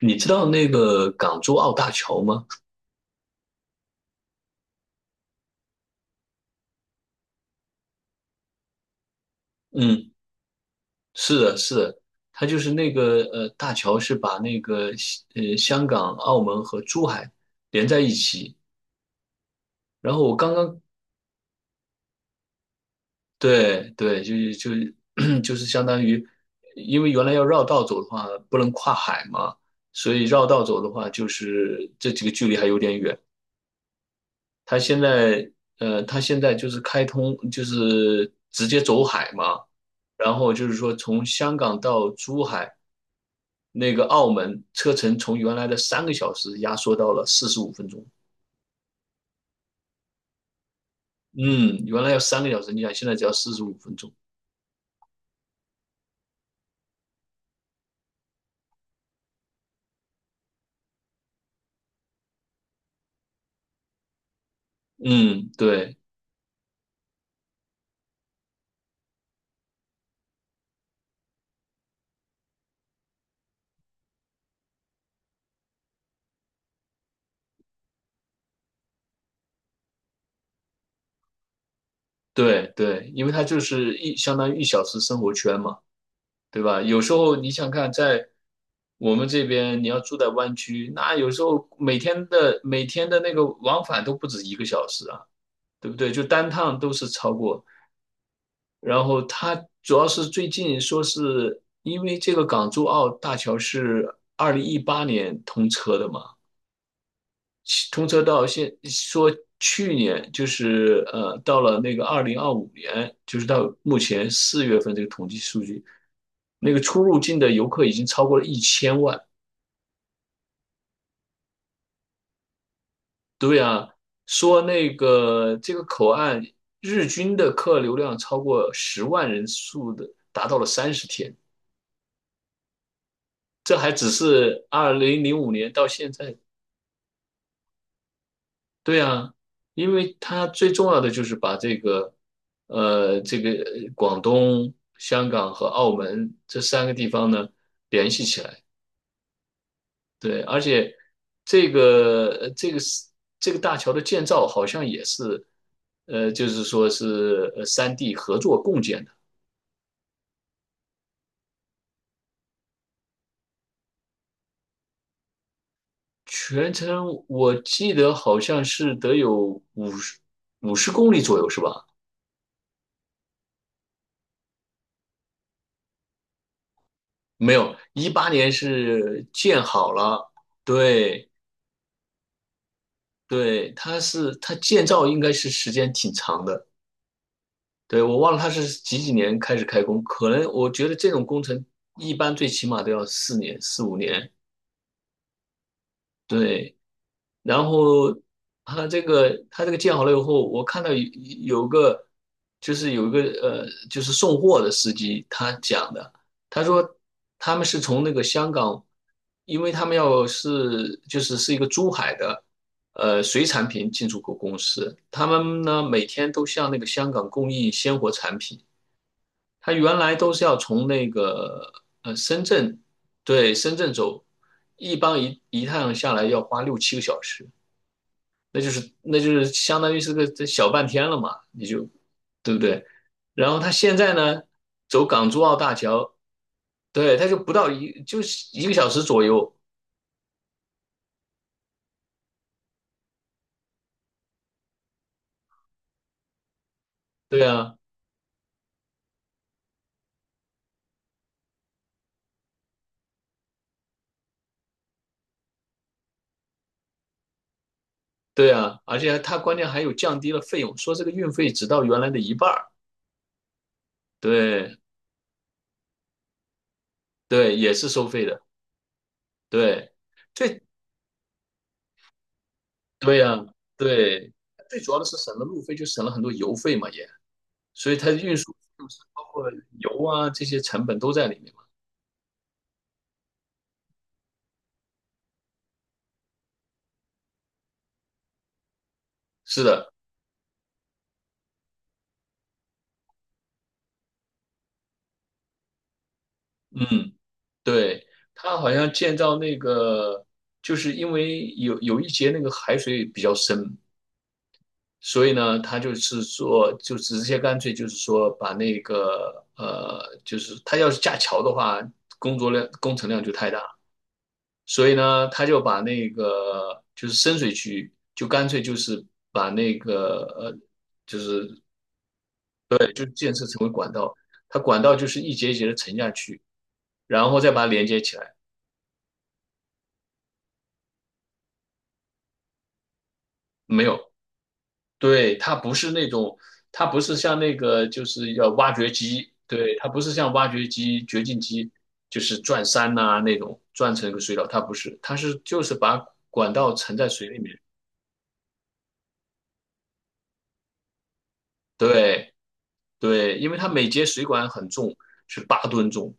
你知道那个港珠澳大桥吗？嗯，是的，是的，它就是那个大桥是把那个香港、澳门和珠海连在一起。然后我刚刚，对对，就是 就是相当于，因为原来要绕道走的话不能跨海嘛，所以绕道走的话就是这几个距离还有点远。它现在就是开通，就是直接走海嘛。然后就是说从香港到珠海，那个澳门车程从原来的三个小时压缩到了四十五分钟。嗯，原来要三个小时，你想现在只要四十五分钟。嗯，对对对，因为它就是相当于1小时生活圈嘛，对吧？有时候你想看，在我们这边，你要住在湾区，那有时候每天的那个往返都不止一个小时啊。对不对？就单趟都是超过。然后它主要是最近说是因为这个港珠澳大桥是2018年通车的嘛，通车到现说去年就是到了那个2025年，就是到目前4月份这个统计数据，那个出入境的游客已经超过了1000万。对啊，说那个这个口岸日均的客流量超过10万人数的，达到了30天。这还只是2005年到现在，对啊，因为它最重要的就是把这个广东、香港和澳门这三个地方呢联系起来，对，而且这个这个这个大桥的建造好像也是，就是说是三地合作共建的，全程我记得好像是得有五十公里左右，是吧？没有，一八年是建好了，对对，它建造应该是时间挺长的，对，我忘了它是几几年开始开工，可能我觉得这种工程一般最起码都要四五年，对，然后他这个建好了以后，我看到有个有一个就是送货的司机他讲的，他说他们是从那个香港，因为他们要是就是是一个珠海的水产品进出口公司，他们呢每天都向那个香港供应鲜活产品，他原来都是要从那个深圳，对，深圳走。一般一趟下来要花6、7个小时，那就是相当于是个这小半天了嘛，你就对不对？然后他现在呢，走港珠澳大桥，对，他就不到一就是一个小时左右，对啊，对啊，而且他关键还有降低了费用，说这个运费只到原来的一半儿，对对，也是收费的，对，最对呀、对，最主要的是省了路费，就省了很多油费嘛也，所以它运输费用是包括油啊这些成本都在里面嘛，是的，嗯。对，它好像建造那个，就是因为有一节那个海水比较深，所以呢，它就是说，就直接干脆就是说，把那个就是它要是架桥的话，工程量就太大，所以呢，他就把那个就是深水区，就干脆就是把那个就是建设成为管道，它管道就是一节一节的沉下去，然后再把它连接起来。没有，对，它不是那种，它不是像那个就是要挖掘机，对，它不是像挖掘机、掘进机，就是转山呐、那种转成一个隧道。它不是，它是就是把管道沉在水里面。对对，因为它每节水管很重，是8吨重，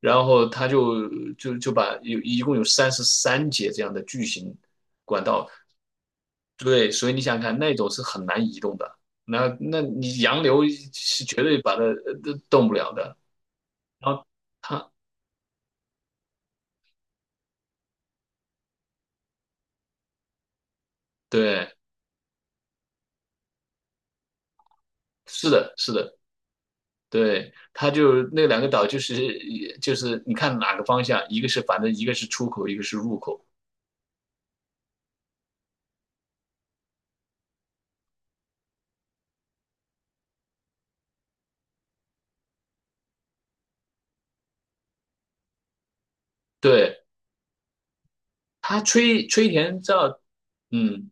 然后它就一共有33节这样的巨型管道，对，所以你想想看，那种是很难移动的，那你洋流是绝对把它动不了的。然后他，对，是的，是的，对，他就那两个岛，就是你看哪个方向，一个是反正一个是出口，一个是入口。对，他吹填造，嗯，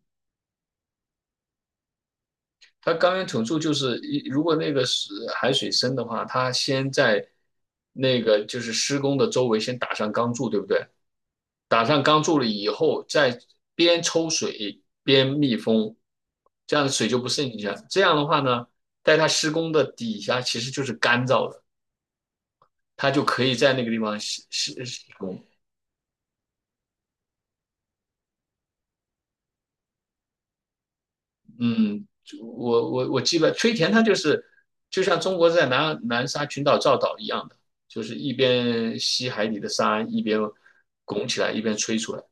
他钢源筒柱就是如果那个是海水深的话，他先在那个就是施工的周围先打上钢柱，对不对？打上钢柱了以后，再边抽水边密封，这样的水就不渗进去了。这样的话呢，在它施工的底下其实就是干燥的，它就可以在那个地方施工。嗯，我记得吹田它就是就像中国在南沙群岛造岛一样的，就是一边吸海底的沙，一边拱起来，一边吹出来。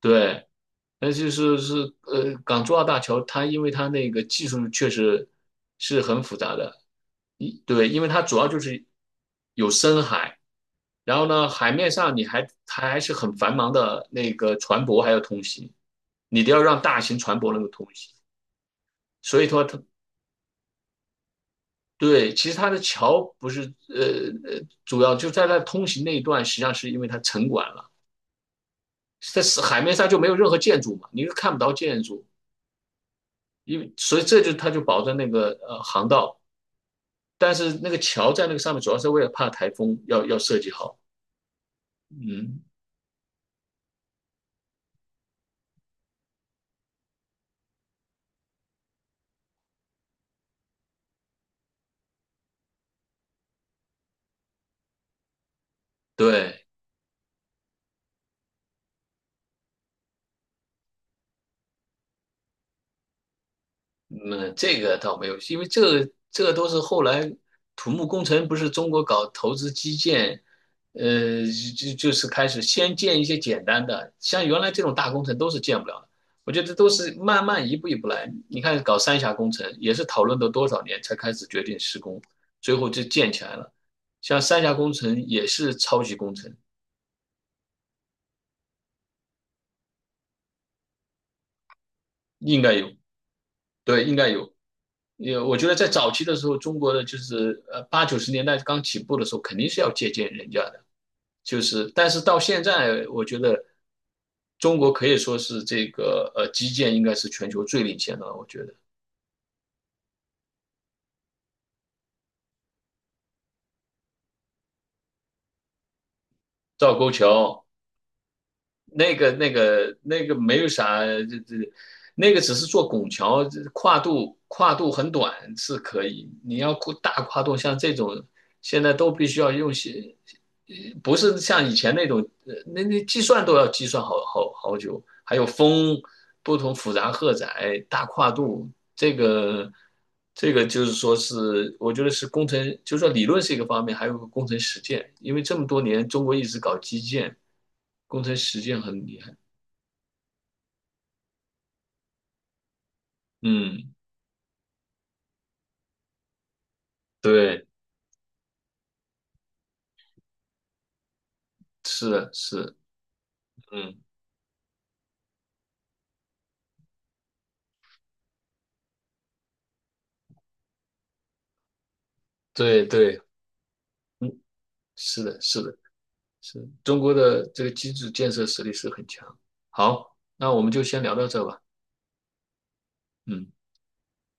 对。那就是，港珠澳大桥它因为它那个技术确实是很复杂的，对，因为它主要就是有深海，然后呢，海面上它还是很繁忙的那个船舶还要通行，你都要让大型船舶能够通行，所以说它，对，其实它的桥不是呃主要就在它通行那一段，实际上是因为它沉管了，在海面上就没有任何建筑嘛，你又看不到建筑。因为所以他就保证那个航道，但是那个桥在那个上面主要是为了怕台风要设计好，嗯，对。嗯，这个倒没有，因为这个都是后来土木工程不是中国搞投资基建，呃，就是开始先建一些简单的，像原来这种大工程都是建不了的。我觉得都是慢慢一步一步来。你看搞三峡工程也是讨论了多少年才开始决定施工，最后就建起来了。像三峡工程也是超级工程，应该有，对，应该有。也我觉得在早期的时候，中国的就是80、90年代刚起步的时候，肯定是要借鉴人家的，就是但是到现在，我觉得中国可以说是这个基建应该是全球最领先的了。我觉得赵沟桥那个没有啥，这那个只是做拱桥，这跨度很短是可以，你要大跨度，像这种现在都必须要用些不是像以前那种，那计算都要计算好久，还有风不同复杂荷载大跨度，这个这个就是说是我觉得是工程，就是说理论是一个方面，还有个工程实践，因为这么多年中国一直搞基建，工程实践很厉害。嗯，对，是的，是的嗯，对对，嗯，是的，是的，是的中国的这个基础建设实力是很强。好，那我们就先聊到这吧。嗯。